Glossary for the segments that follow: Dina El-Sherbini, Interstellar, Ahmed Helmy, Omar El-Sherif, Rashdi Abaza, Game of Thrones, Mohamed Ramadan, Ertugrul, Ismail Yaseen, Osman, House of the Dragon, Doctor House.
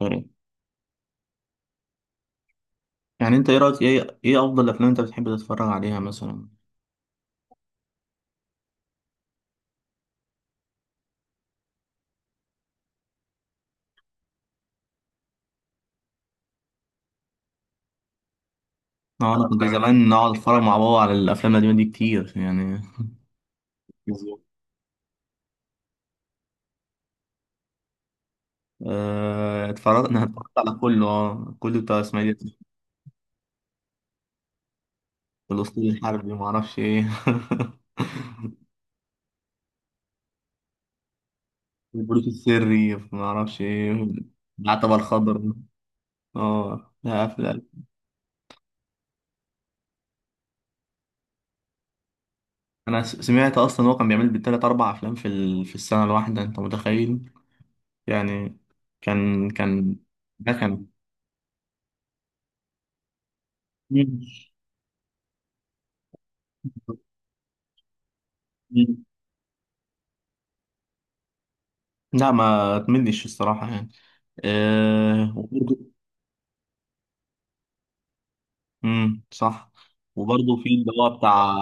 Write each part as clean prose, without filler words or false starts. يعني يعني انت ايه رايك ايه افضل الافلام انت بتحب تتفرج عليها مثلا. اه، انا كنت أكتر زمان نقعد اتفرج مع بابا على الافلام القديمه دي كتير يعني. بالظبط. اه، اتفرجت انا على كله كله بتاع اسماعيل ياسين. الاسطول الحربي ما اعرفش ايه. البروت السري ما اعرفش ايه. العتبه الخضراء. اه، لا افلام. انا سمعت اصلا هو كان بيعمل بالتلات اربع افلام في السنه الواحده، انت متخيل؟ يعني كان ده كان. مم. لا، ما اتمنيش الصراحة يعني. أه وبرضه. صح. وبرضه في اللي هو بتاع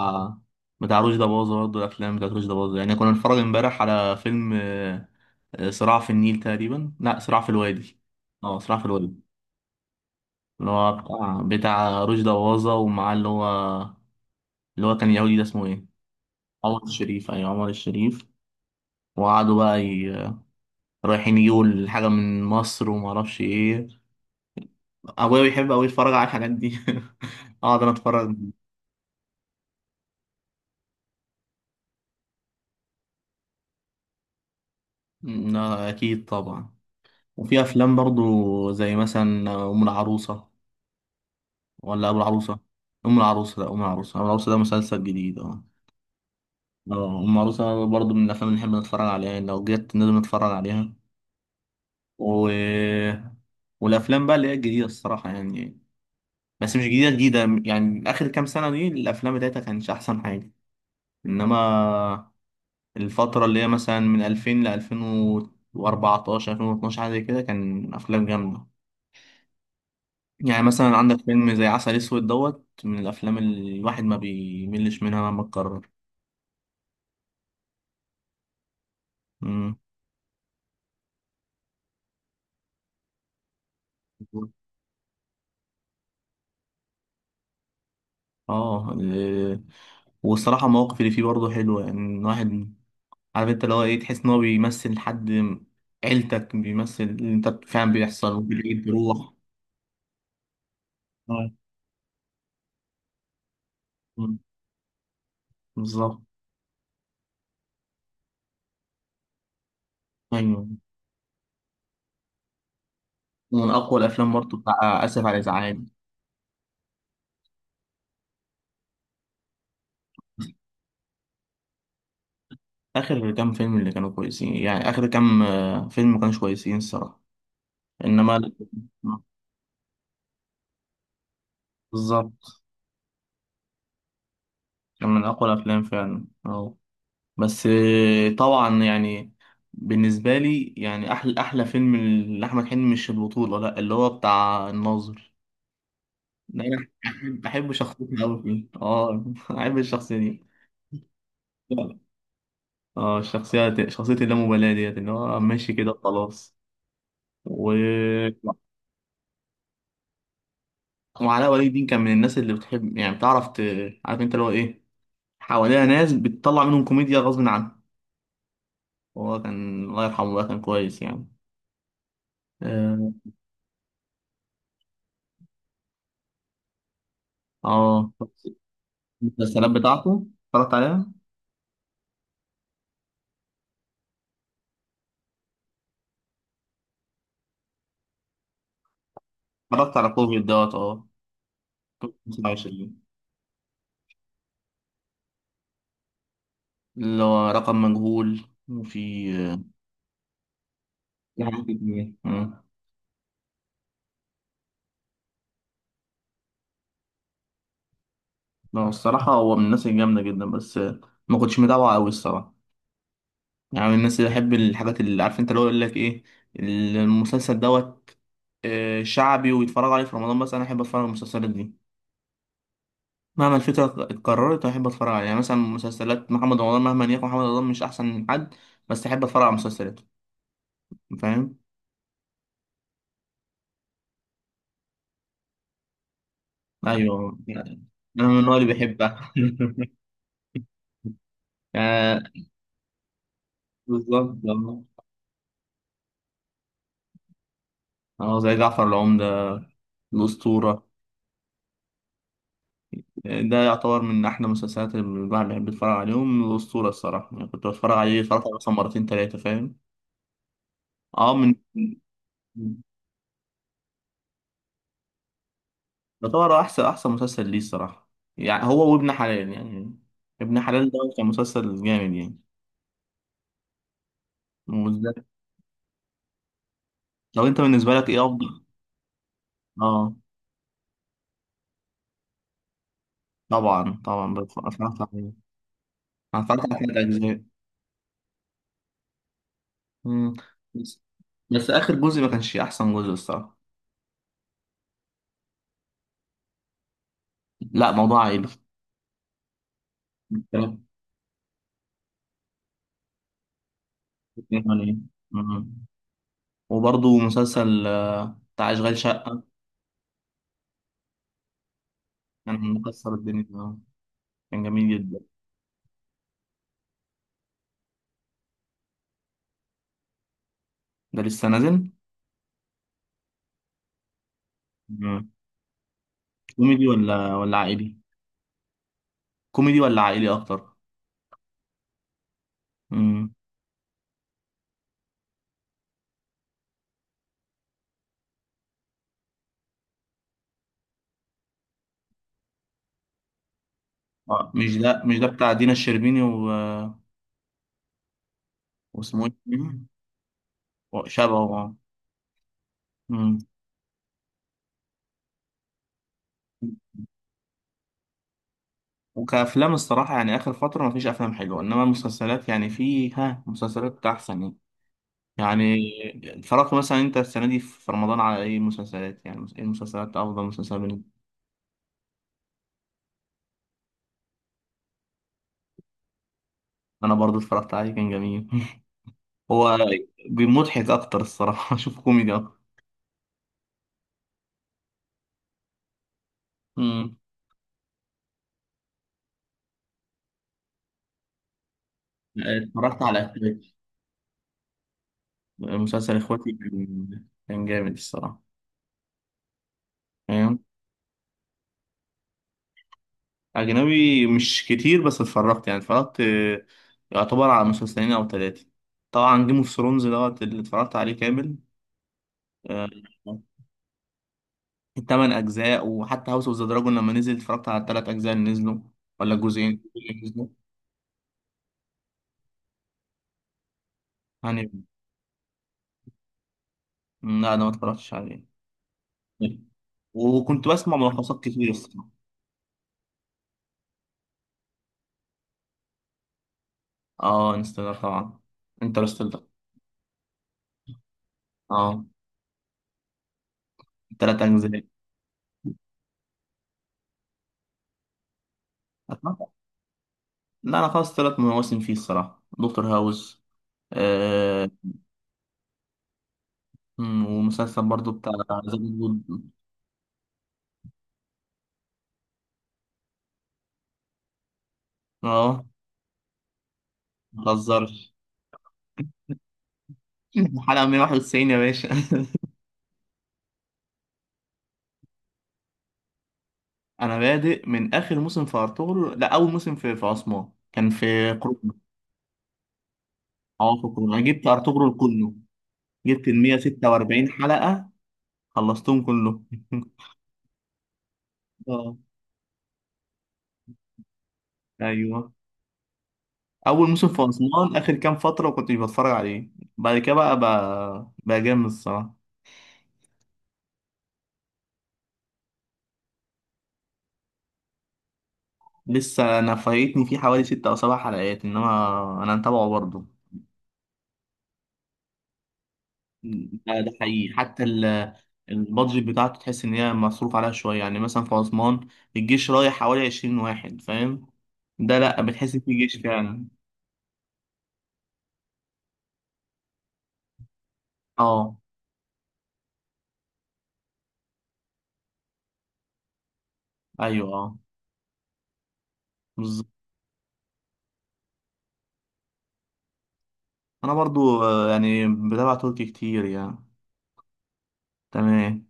بتاع رشدي أباظة، برضه الأفلام بتاعت رشدي أباظة يعني. كنا بنتفرج امبارح على فيلم، صراع في النيل تقريبا، لا صراع في الوادي. اه صراع في الوادي. اللي هو بتاع رشدي أباظة ومعاه اللي هو اللي هو كان يهودي، ده اسمه ايه؟ عمر الشريف، أيوة عمر الشريف. وقعدوا بقى رايحين يجيبوا الحاجة من مصر ومعرفش ايه. ابويا بيحب قوي يتفرج على الحاجات دي. اقعد انا اتفرج. لا، اكيد طبعا. وفي افلام برضو زي مثلا ام العروسه ولا ابو العروسه. ام العروسه، لا ام العروسه، ام العروسه ده مسلسل جديد. اه، اه ام العروسه برضو من الافلام اللي نحب نتفرج عليها يعني، لو جت لازم نتفرج عليها. و... والافلام بقى اللي هي الجديده الصراحه يعني، بس مش جديده جديده. يعني اخر كام سنه دي الافلام بتاعتها كانش احسن حاجه. انما الفترة اللي هي مثلا من 2000 ل 2014 2012، حاجة زي كده، كان أفلام جامدة. يعني مثلا عندك فيلم زي عسل أسود دوت، من الأفلام اللي الواحد ما بيملش منها مهما اتكرر. مم. اه. والصراحة المواقف اللي فيه برضه حلوة يعني. الواحد عارف انت اللي هو ايه، تحس ان هو بيمثل حد عيلتك، بيمثل اللي انت فعلا بيحصل وفي العيد بيروح. آه. بالظبط. ايوه. ومن اقوى الافلام برضه بتاع اسف على الازعاج. اخر كام فيلم اللي كانوا كويسين يعني، اخر كام فيلم ما كانوش كويسين الصراحه. انما. بالظبط. كان من اقوى الافلام فعلا اه. بس طبعا يعني، بالنسبه لي يعني احلى فيلم لاحمد حلمي مش البطوله، لا اللي هو بتاع الناظر. ده انا بحب شخصيته قوي فيه اه. بحب الشخصيه دي. اه الشخصيه، اللامبالاه ديت اللي هو ماشي كده خلاص. و وعلاء ولي الدين كان من الناس اللي بتحب يعني، بتعرف عارف انت اللي هو ايه، حواليها ناس بتطلع منهم كوميديا غصب عنه. هو كان الله يرحمه بقى كان كويس يعني. اه. آه. المسلسلات بتاعته اتفرجت عليها. اتفرجت على كوفيد دوت، اه 25. اللي هو رقم مجهول، وفي في حاجات كتير آه. لا الصراحة، هو من الناس الجامدة جدا، بس ما كنتش متابعه أوي الصراحة. يعني من الناس اللي بحب الحاجات اللي عارف انت اللي هو يقول لك ايه، المسلسل دوت شعبي ويتفرجوا عليه في رمضان. بس انا احب اتفرج على المسلسلات دي مهما الفكره اتكررت، احب اتفرج عليها. يعني مثلا مسلسلات محمد رمضان، مهما يكون محمد رمضان مش احسن من حد، بس احب اتفرج على مسلسلاته، فاهم؟ ايوه يعني، انا من النوع اللي بيحبها. يعني بالظبط آه. اه زي جعفر العمدة، الأسطورة. ده يعتبر من أحلى المسلسلات اللي الواحد بيحب يتفرج عليهم. الأسطورة الصراحة يعني، كنت بتفرج عليه، اتفرجت عليه مثلا مرتين تلاتة، فاهم؟ اه من، يعتبر احسن احسن مسلسل ليه الصراحه. يعني هو وابن حلال يعني، ابن حلال ده كان مسلسل جامد يعني. وبالذات- لو انت بالنسبه لك ايه افضل؟ اه طبعا طبعا اتفرجت عليه. انا اتفرجت على ثلاث اجزاء. مم. بس بس اخر جزء ما كانش احسن جزء الصراحه. لا موضوع عائلي. كلام كتير عليه. مم. وبرضه مسلسل بتاع اشغال شقه، كان مكسر الدنيا آه. كان جميل جدا. ده لسه نازل؟ مم. كوميدي ولا عائلي، كوميدي ولا عائلي اكتر؟ مم. آه، مش ده بتاع دينا الشربيني، واسمه ايه؟ شبهه آه. مم. وكأفلام الصراحة يعني آخر فترة مفيش أفلام حلوة، إنما المسلسلات يعني في ها مسلسلات أحسن. يعني يعني اتفرجت مثلا أنت السنة دي في رمضان على إيه مسلسلات؟ يعني إيه المسلسلات، أفضل مسلسل بالنسبة لك؟ أنا برضو اتفرجت عليه، كان جميل. هو بمضحك أكتر الصراحة. أشوف كوميدي أكتر. مم. اتفرجت على إخواتي، مسلسل إخواتي كان جامد الصراحة. أجنبي مش كتير، بس اتفرجت يعني اتفرجت، يعتبر على مسلسلين أو ثلاثة. طبعا جيم اوف ثرونز دوت اللي اتفرجت عليه كامل، آه، التمن أجزاء. وحتى هاوس اوف ذا دراجون لما نزل اتفرجت على التلات أجزاء اللي نزلوا ولا الجزئين اللي نزلوا يعني. لا أنا ما اتفرجتش عليه، وكنت بسمع ملخصات كتير الصراحة. اه انستغرام طبعا، انترستيلر. اه تلات أجزاء. لا أنا خلاص تلات مواسم فيه الصراحة، دكتور هاوس. مم، ومسلسل برضو بتاع زي ما بيقول- اه ما تهزرش. الحلقة 191 يا باشا. انا بادئ من اخر موسم في ارطغرل، لا اول موسم في في عثمان كان في قرون. اه في قرون انا جبت ارطغرل كله، جبت ال 146 حلقة، خلصتهم كله. اه. ايوه. اول موسم في عثمان اخر كام فترة كنت بتفرج عليه، بعد كده بقى بقى جامد الصراحة. لسه انا فايتني فيه حوالي ست او سبع حلقات، انما انا متابعه برضه. ده ده حقيقي البادجت بتاعته تحس ان هي مصروف عليها شويه. يعني مثلا في اسوان الجيش رايح حوالي 20 واحد، فاهم؟ ده لا، بتحس إن في جيش فعلا. اه. ايوه. اه. بالظبط. انا برضو آه، يعني بتابع تركي كتير يعني. تمام.